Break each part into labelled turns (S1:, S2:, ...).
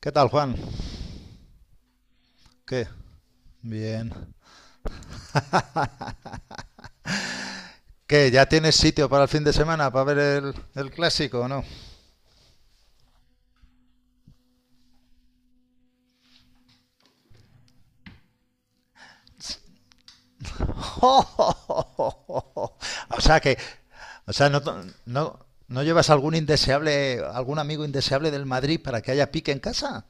S1: ¿Qué tal, Juan? ¿Qué? Bien. ¿Qué? ¿Ya tienes sitio para el fin de semana para ver el clásico o no? O sea que, o sea, no, no, No llevas algún indeseable, algún amigo indeseable del Madrid para que haya pique en casa.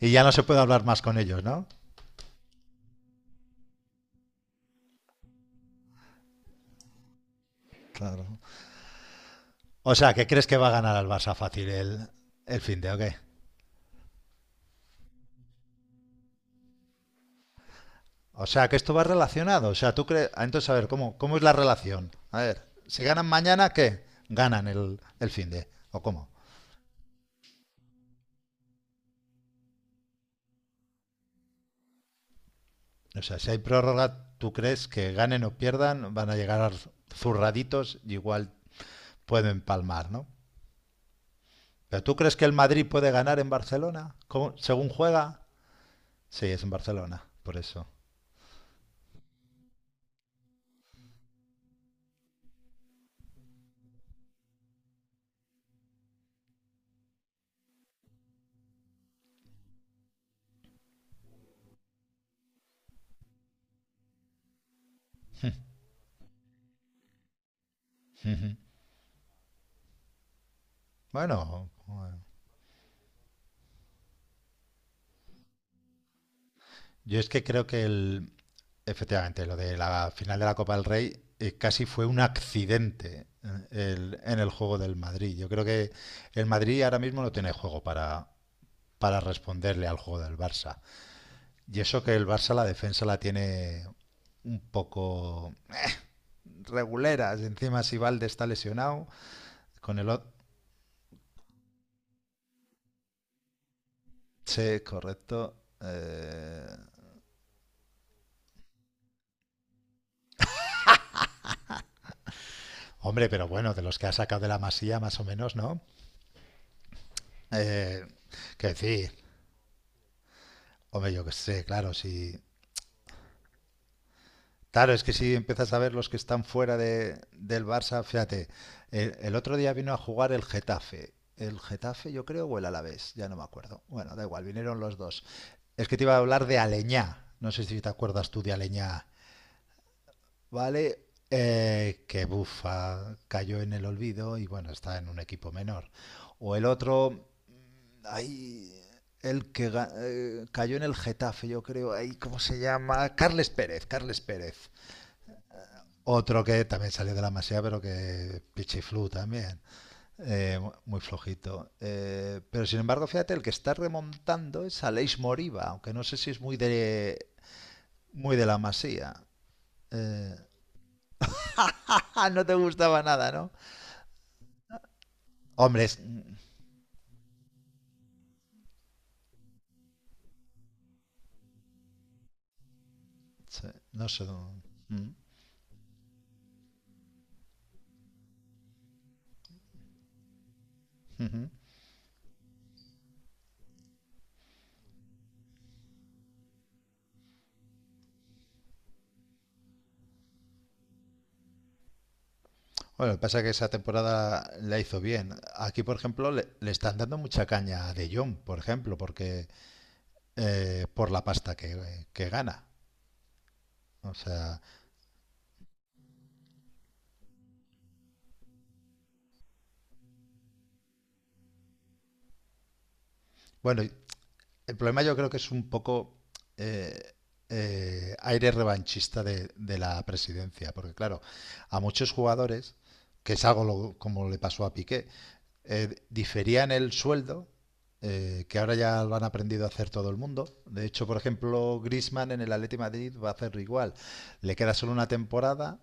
S1: Y ya no se puede hablar más con ellos, ¿no? Claro. O sea, ¿qué crees que va a ganar el Barça fácil el fin de, ¿ok? O sea, que esto va relacionado. O sea, tú crees. Entonces, a ver, ¿cómo, cómo es la relación? A ver, si ganan mañana, ¿qué? Ganan el fin de. ¿O cómo? O sea, si hay prórroga, ¿tú crees que ganen o pierdan? Van a llegar zurraditos y igual pueden palmar, ¿no? Pero ¿tú crees que el Madrid puede ganar en Barcelona? ¿Cómo- según juega. Sí, es en Barcelona, por eso. Bueno, bueno. yo es que creo que el, Efectivamente, lo de la final de la Copa del Rey casi fue un accidente en el juego del Madrid. Yo creo que el Madrid ahora mismo no tiene juego para responderle al juego del Barça. Y eso que el Barça la defensa la tiene un poco reguleras. Encima si Valde está lesionado, con el otro... Sí, correcto. Hombre, pero bueno, de los que ha sacado de la masía más o menos, ¿no? Eh, que decir, Hombre, yo que sé, claro, si... Claro, es que si empiezas a ver los que están fuera del Barça, fíjate, el otro día vino a jugar el Getafe. El Getafe, yo creo, o el Alavés, ya no me acuerdo. Bueno, da igual, vinieron los dos. Es que te iba a hablar de Aleñá. No sé si te acuerdas tú de Aleñá. ¿Vale? Que bufa, cayó en el olvido y bueno, está en un equipo menor. O el otro, ahí, el que cayó en el Getafe, yo creo, ahí, ¿cómo se llama? Carles Pérez, Carles Pérez. Otro que también salió de la masía, pero que pichiflu también, eh, muy flojito. Pero sin embargo, fíjate, el que está remontando es Aleix Moriba, aunque no sé si es muy de la masía. Eh, no te gustaba nada, ¿no? Hombre, sí, no sé. Mm, mm, ujú. Bueno, pasa que esa temporada la hizo bien. Aquí, por ejemplo, le están dando mucha caña a De Jong, por ejemplo, porque por la pasta que gana. O sea, bueno, el problema yo creo que es un poco eh, aire revanchista de la presidencia, porque claro, a muchos jugadores, que es algo lo- como le pasó a Piqué, diferían el sueldo, que ahora ya lo han aprendido a hacer todo el mundo. De hecho, por ejemplo, Griezmann en el Atleti de Madrid va a hacerlo igual. Le queda solo una temporada,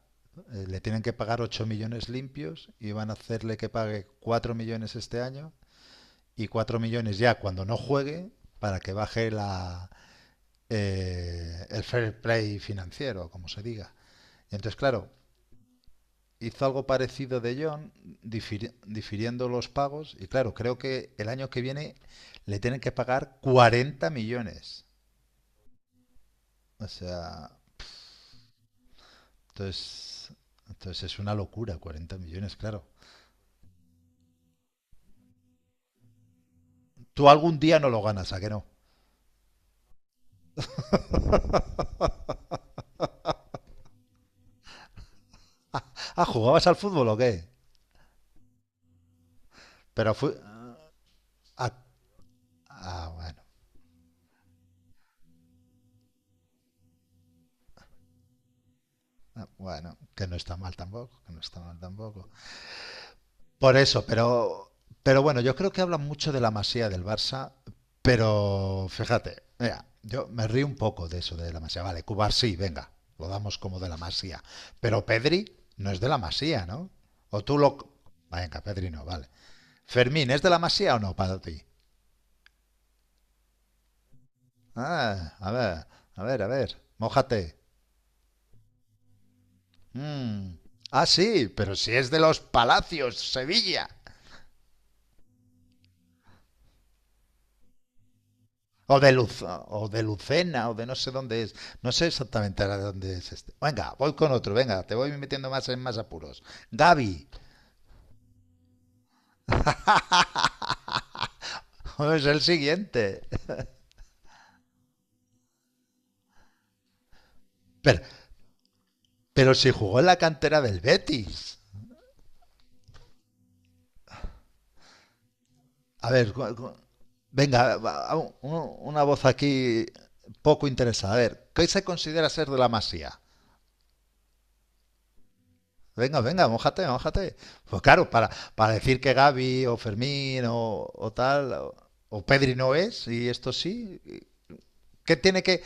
S1: le tienen que pagar 8 millones limpios y van a hacerle que pague 4 millones este año y 4 millones ya cuando no juegue para que baje el fair play financiero, como se diga. Y entonces, claro, hizo algo parecido de John, difiriendo los pagos. Y claro, creo que el año que viene le tienen que pagar 40 millones. O sea, entonces, entonces es una locura, 40 millones, claro. Tú algún día no lo ganas, ¿a qué no? Ah, ¿jugabas al fútbol o qué? Pero fue... Ah, bueno. Bueno, que no está mal tampoco, que no está mal tampoco. Por eso, pero bueno, yo creo que hablan mucho de la Masía del Barça, pero fíjate, mira, yo me río un poco de eso de la Masía. Vale, Cubar sí, venga, lo damos como de la Masía. Pero Pedri no es de la Masía, ¿no? O tú lo... Venga, Pedri no, vale. Fermín, ¿es de la Masía o no para ti? A ver, a ver, mójate. Mm. Ah, sí, pero si es de los Palacios, Sevilla. O de Luz, o de Lucena, o de no sé dónde es. No sé exactamente ahora de dónde es este. Venga, voy con otro, venga, te voy metiendo más en más apuros. Gavi es el siguiente. Pero, pero si jugó en la cantera del Betis. A ver, venga, una voz aquí poco interesada. A ver, ¿qué se considera ser de la masía? Venga, venga, mójate, mójate. Pues claro, para decir que Gavi o Fermín o tal, o Pedri no es, y esto sí, ¿qué tiene que...?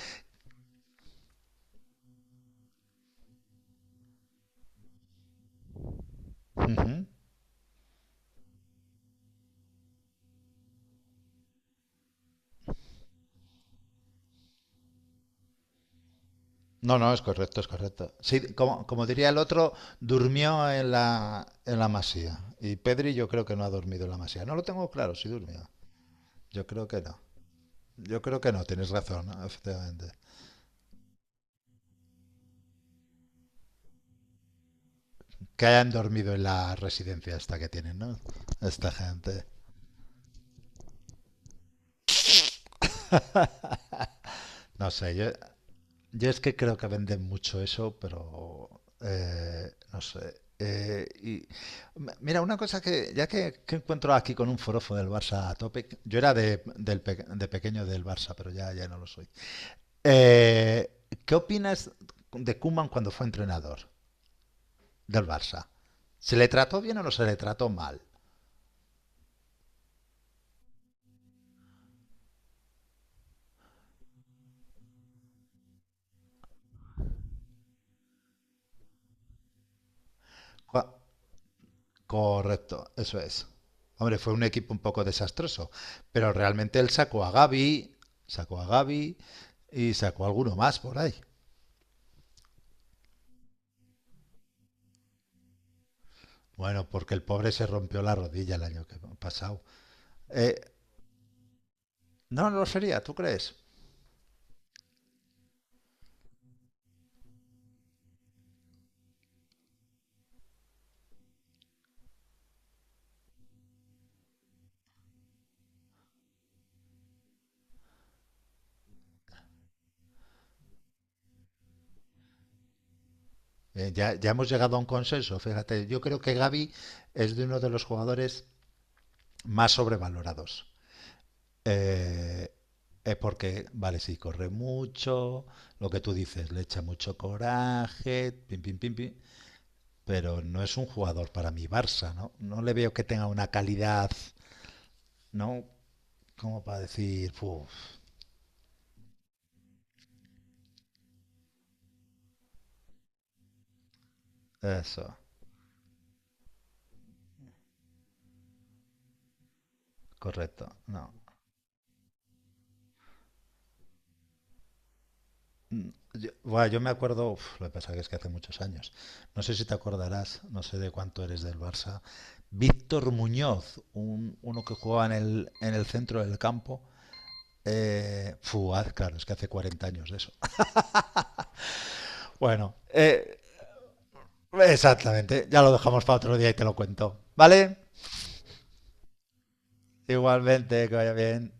S1: Ujú. No, no, es correcto, es correcto. Sí, como, como diría el otro, durmió en en la masía. Y Pedri yo creo que no ha dormido en la masía. No lo tengo claro, si durmió. Yo creo que no. Yo creo que no, tienes razón, ¿no? Efectivamente. Que hayan dormido en la residencia esta que tienen, ¿no? Esta gente. No sé, yo es que creo que venden mucho eso, pero no sé. Mira, una cosa que ya que encuentro aquí con un forofo del Barça a tope, yo era de pequeño del Barça, pero ya no lo soy. Eh, ¿Qué opinas de Koeman cuando fue entrenador del Barça? ¿Se le trató bien o no se le trató mal? Cu- Correcto, eso es. Hombre, fue un equipo un poco desastroso, pero realmente él sacó a Gavi y sacó a alguno más por ahí. Bueno, porque el pobre se rompió la rodilla el año que pasado. Eh, no, no lo sería, ¿tú crees? Ya, ya hemos llegado a un consenso, fíjate. Yo creo que Gavi es de uno de los jugadores más sobrevalorados. Eh, es porque, vale, sí, corre mucho, lo que tú dices, le echa mucho coraje, pim, pim, pim, pim, pero no es un jugador para mi Barça, ¿no? No le veo que tenga una calidad, ¿no? Como para decir, uff, eso, correcto, no. Yo, bueno, yo me acuerdo, uf, lo que pasa que es que hace muchos años, no sé si te acordarás, no sé de cuánto eres del Barça, Víctor Muñoz, un, uno que jugaba en en el centro del campo, claro, es que hace 40 años de eso. Bueno, exactamente, ya lo dejamos para otro día y te lo cuento, ¿vale? Igualmente, que vaya bien.